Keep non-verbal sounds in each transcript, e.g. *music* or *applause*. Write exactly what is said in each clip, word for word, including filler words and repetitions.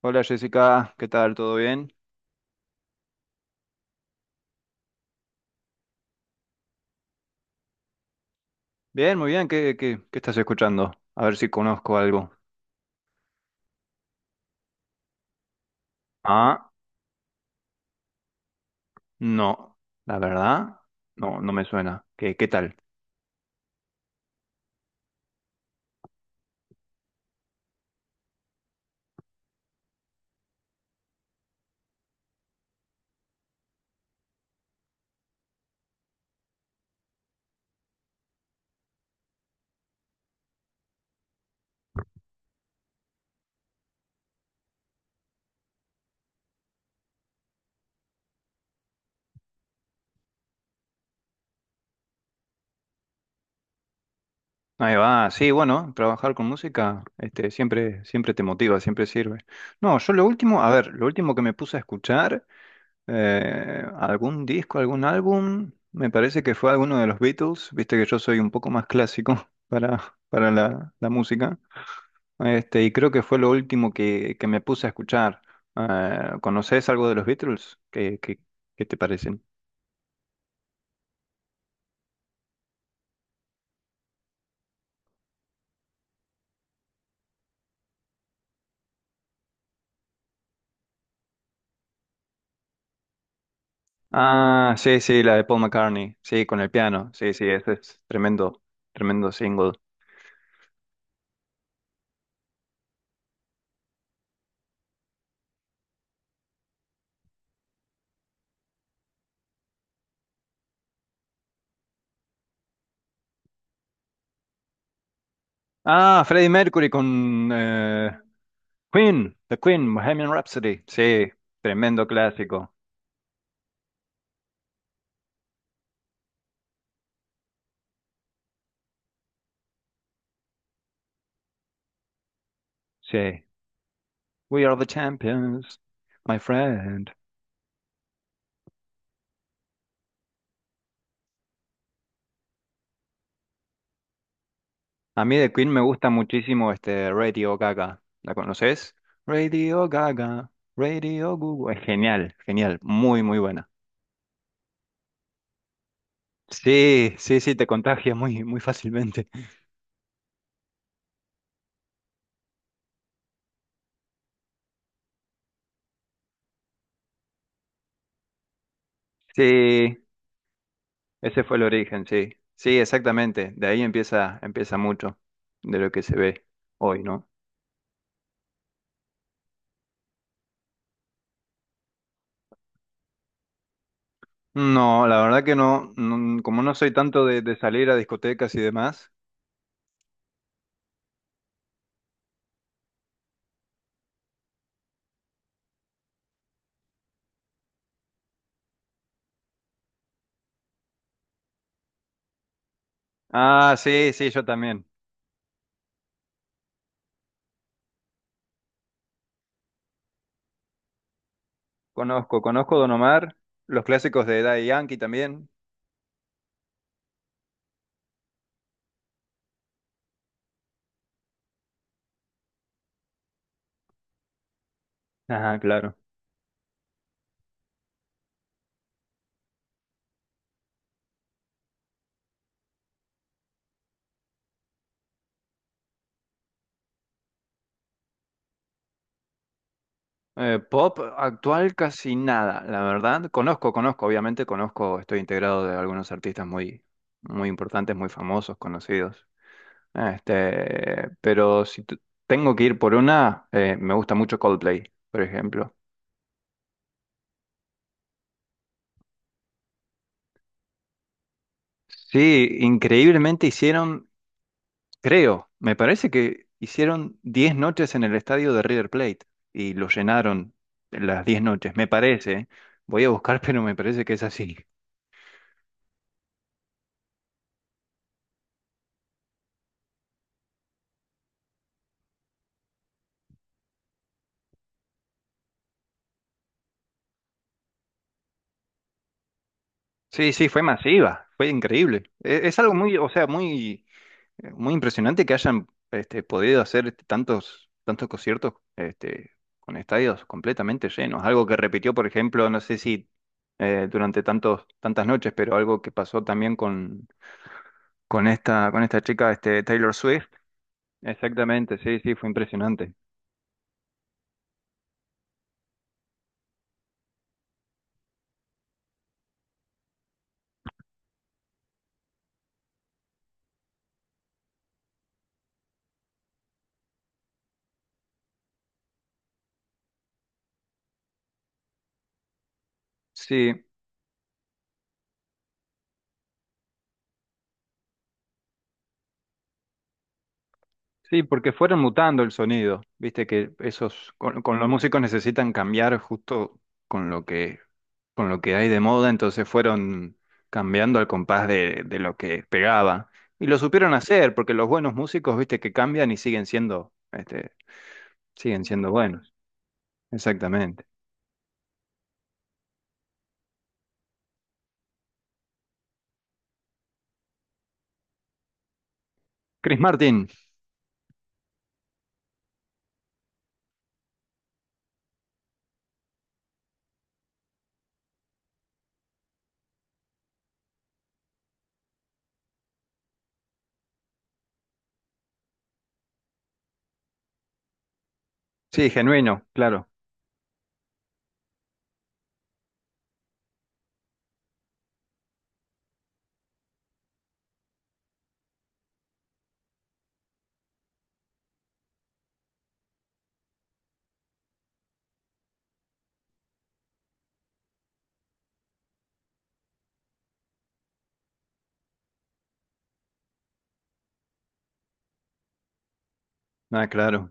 Hola Jessica, ¿qué tal? ¿Todo bien? Bien, muy bien, ¿qué, qué, qué estás escuchando? A ver si conozco algo. Ah, no, la verdad, no, no me suena. ¿Qué, qué tal? Ahí va, sí, bueno, trabajar con música, este, siempre, siempre te motiva, siempre sirve. No, yo lo último, a ver, lo último que me puse a escuchar, eh, algún disco, algún álbum, me parece que fue alguno de los Beatles, viste que yo soy un poco más clásico *laughs* para, para la la música. Este, y creo que fue lo último que, que me puse a escuchar. Eh, ¿conoces algo de los Beatles? ¿Qué, qué, qué te parecen? Ah, sí, sí, la de Paul McCartney. Sí, con el piano. Sí, sí, ese es tremendo, tremendo single. Ah, Freddie Mercury con eh, Queen, The Queen, Bohemian Rhapsody. Sí, tremendo clásico. Sí. We are the champions, my friend. A mí de Queen me gusta muchísimo este Radio Gaga. ¿La conoces? Radio Gaga, Radio Google. Es genial, genial, muy, muy buena. Sí, sí, sí, te contagia muy, muy fácilmente. Sí, ese fue el origen, sí. Sí, exactamente. De ahí empieza, empieza mucho de lo que se ve hoy, ¿no? No, la verdad que no. No, como no soy tanto de, de salir a discotecas y demás. Ah, sí, sí, yo también. Conozco, conozco Don Omar, los clásicos de Daddy Yankee también. Ajá, claro. Eh, pop actual casi nada, la verdad. Conozco, conozco, obviamente conozco, estoy integrado de algunos artistas muy, muy importantes, muy famosos, conocidos. Este, pero si tu- tengo que ir por una, eh, me gusta mucho Coldplay, por ejemplo. Sí, increíblemente hicieron, creo, me parece que hicieron diez noches en el estadio de River Plate y lo llenaron las diez noches, me parece. ¿Eh? Voy a buscar, *laughs* pero me parece que es así. Sí, sí, fue masiva, fue increíble. E- Es algo muy, o sea, muy, eh, muy impresionante que hayan este, podido hacer este, tantos, tantos conciertos este, con estadios completamente llenos. Algo que repitió, por ejemplo, no sé si eh, durante tantos, tantas noches, pero algo que pasó también con, con esta, con esta chica, este, Taylor Swift. Exactamente, sí, sí, fue impresionante. Sí, sí, porque fueron mutando el sonido. Viste que esos con, con los músicos necesitan cambiar justo con lo que con lo que hay de moda, entonces fueron cambiando al compás de, de lo que pegaba. Y lo supieron hacer, porque los buenos músicos, viste, que cambian y siguen siendo, este, siguen siendo buenos. Exactamente. Chris Martin, sí, genuino, claro. Ah, claro.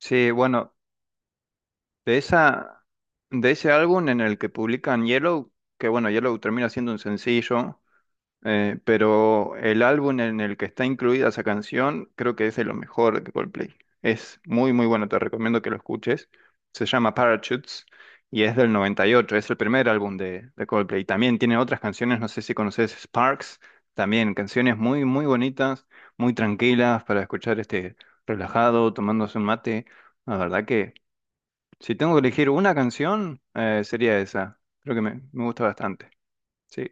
Sí, bueno, de esa, de ese álbum en el que publican Yellow, que bueno, Yellow termina siendo un sencillo. Eh, pero el álbum en el que está incluida esa canción creo que es de lo mejor de Coldplay. Es muy, muy bueno, te recomiendo que lo escuches. Se llama Parachutes y es del noventa y ocho, es el primer álbum de, de Coldplay. También tiene otras canciones, no sé si conoces Sparks, también canciones muy, muy bonitas, muy tranquilas para escuchar este relajado, tomándose un mate. La verdad que si tengo que elegir una canción, eh, sería esa. Creo que me, me gusta bastante. Sí,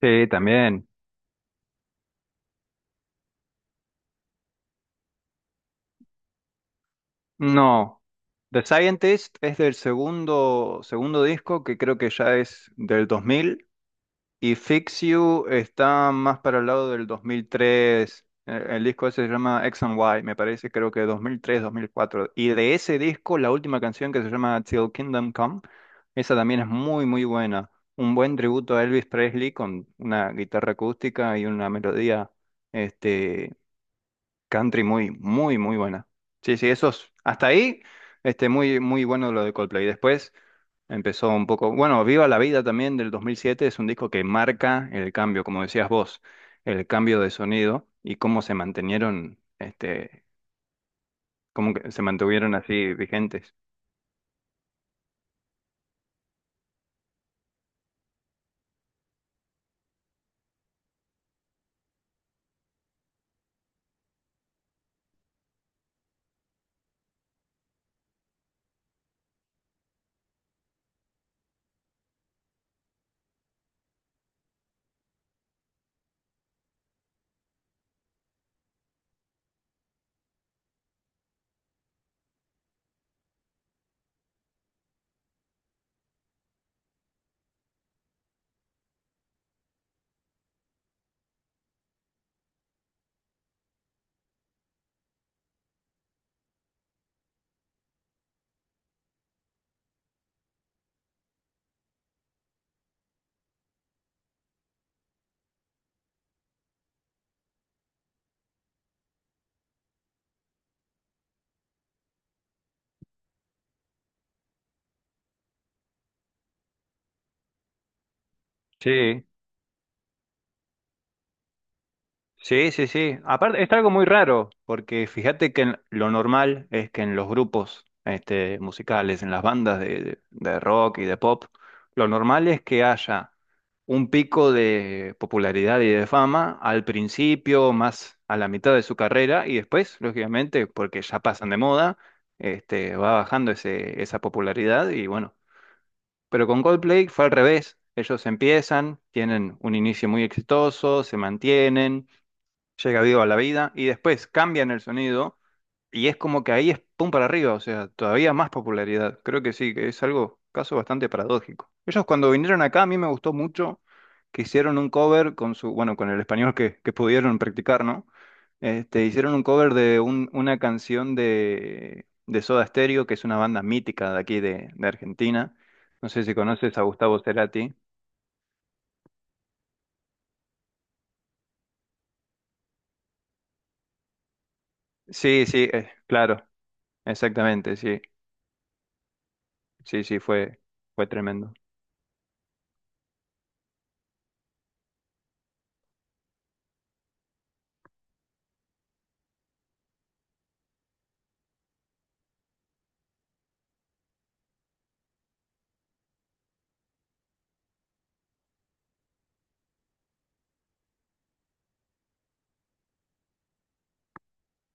sí, también. No, The Scientist es del segundo, segundo disco que creo que ya es del dos mil y Fix You está más para el lado del dos mil tres. El, el disco ese se llama X and Y, me parece, creo que dos dos mil tres mil cuatro. Y de ese disco, la última canción que se llama Till Kingdom Come, esa también es muy, muy buena. Un buen tributo a Elvis Presley con una guitarra acústica y una melodía este, country muy, muy, muy buena. Sí, sí, esos. Hasta ahí, este, muy, muy bueno lo de Coldplay. Después empezó un poco. Bueno, Viva la Vida también del dos mil siete es un disco que marca el cambio, como decías vos, el cambio de sonido y cómo se mantenieron, este, cómo que se mantuvieron así vigentes. Sí, sí, sí, sí. Aparte, es algo muy raro, porque fíjate que en- lo normal es que en los grupos este, musicales, en las bandas de, de de rock y de pop, lo normal es que haya un pico de popularidad y de fama al principio, más a la mitad de su carrera, y después, lógicamente, porque ya pasan de moda, este, va bajando ese, esa popularidad y bueno. Pero con Coldplay fue al revés. Ellos empiezan, tienen un inicio muy exitoso, se mantienen llega vivo a la vida y después cambian el sonido y es como que ahí es pum para arriba, o sea, todavía más popularidad. Creo que sí, que es algo, caso bastante paradójico. Ellos cuando vinieron acá a mí me gustó mucho que hicieron un cover con su, bueno, con el español que, que pudieron practicar, ¿no? Este, hicieron un cover de un- una canción de, de Soda Stereo, que es una banda mítica de aquí de, de Argentina. No sé si conoces a Gustavo Cerati. Sí, sí, eh, claro, exactamente, sí, sí, sí, fue, fue tremendo.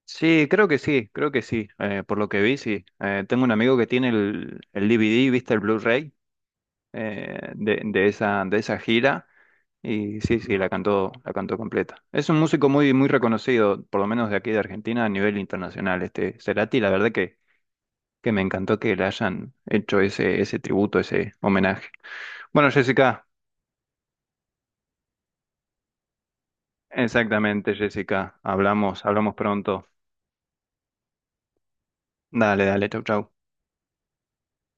Sí, creo que sí, creo que sí. Eh, por lo que vi, sí. Eh, tengo un amigo que tiene el, el D V D, ¿viste? El Blu-ray eh, de, de esa, de esa gira. Y sí, sí, la cantó, la cantó completa. Es un músico muy, muy reconocido, por lo menos de aquí de Argentina, a nivel internacional. Este Cerati, la verdad que, que me encantó que le hayan hecho ese, ese tributo, ese homenaje. Bueno, Jessica, exactamente, Jessica. Hablamos, hablamos pronto. Dale, dale, chau, chau.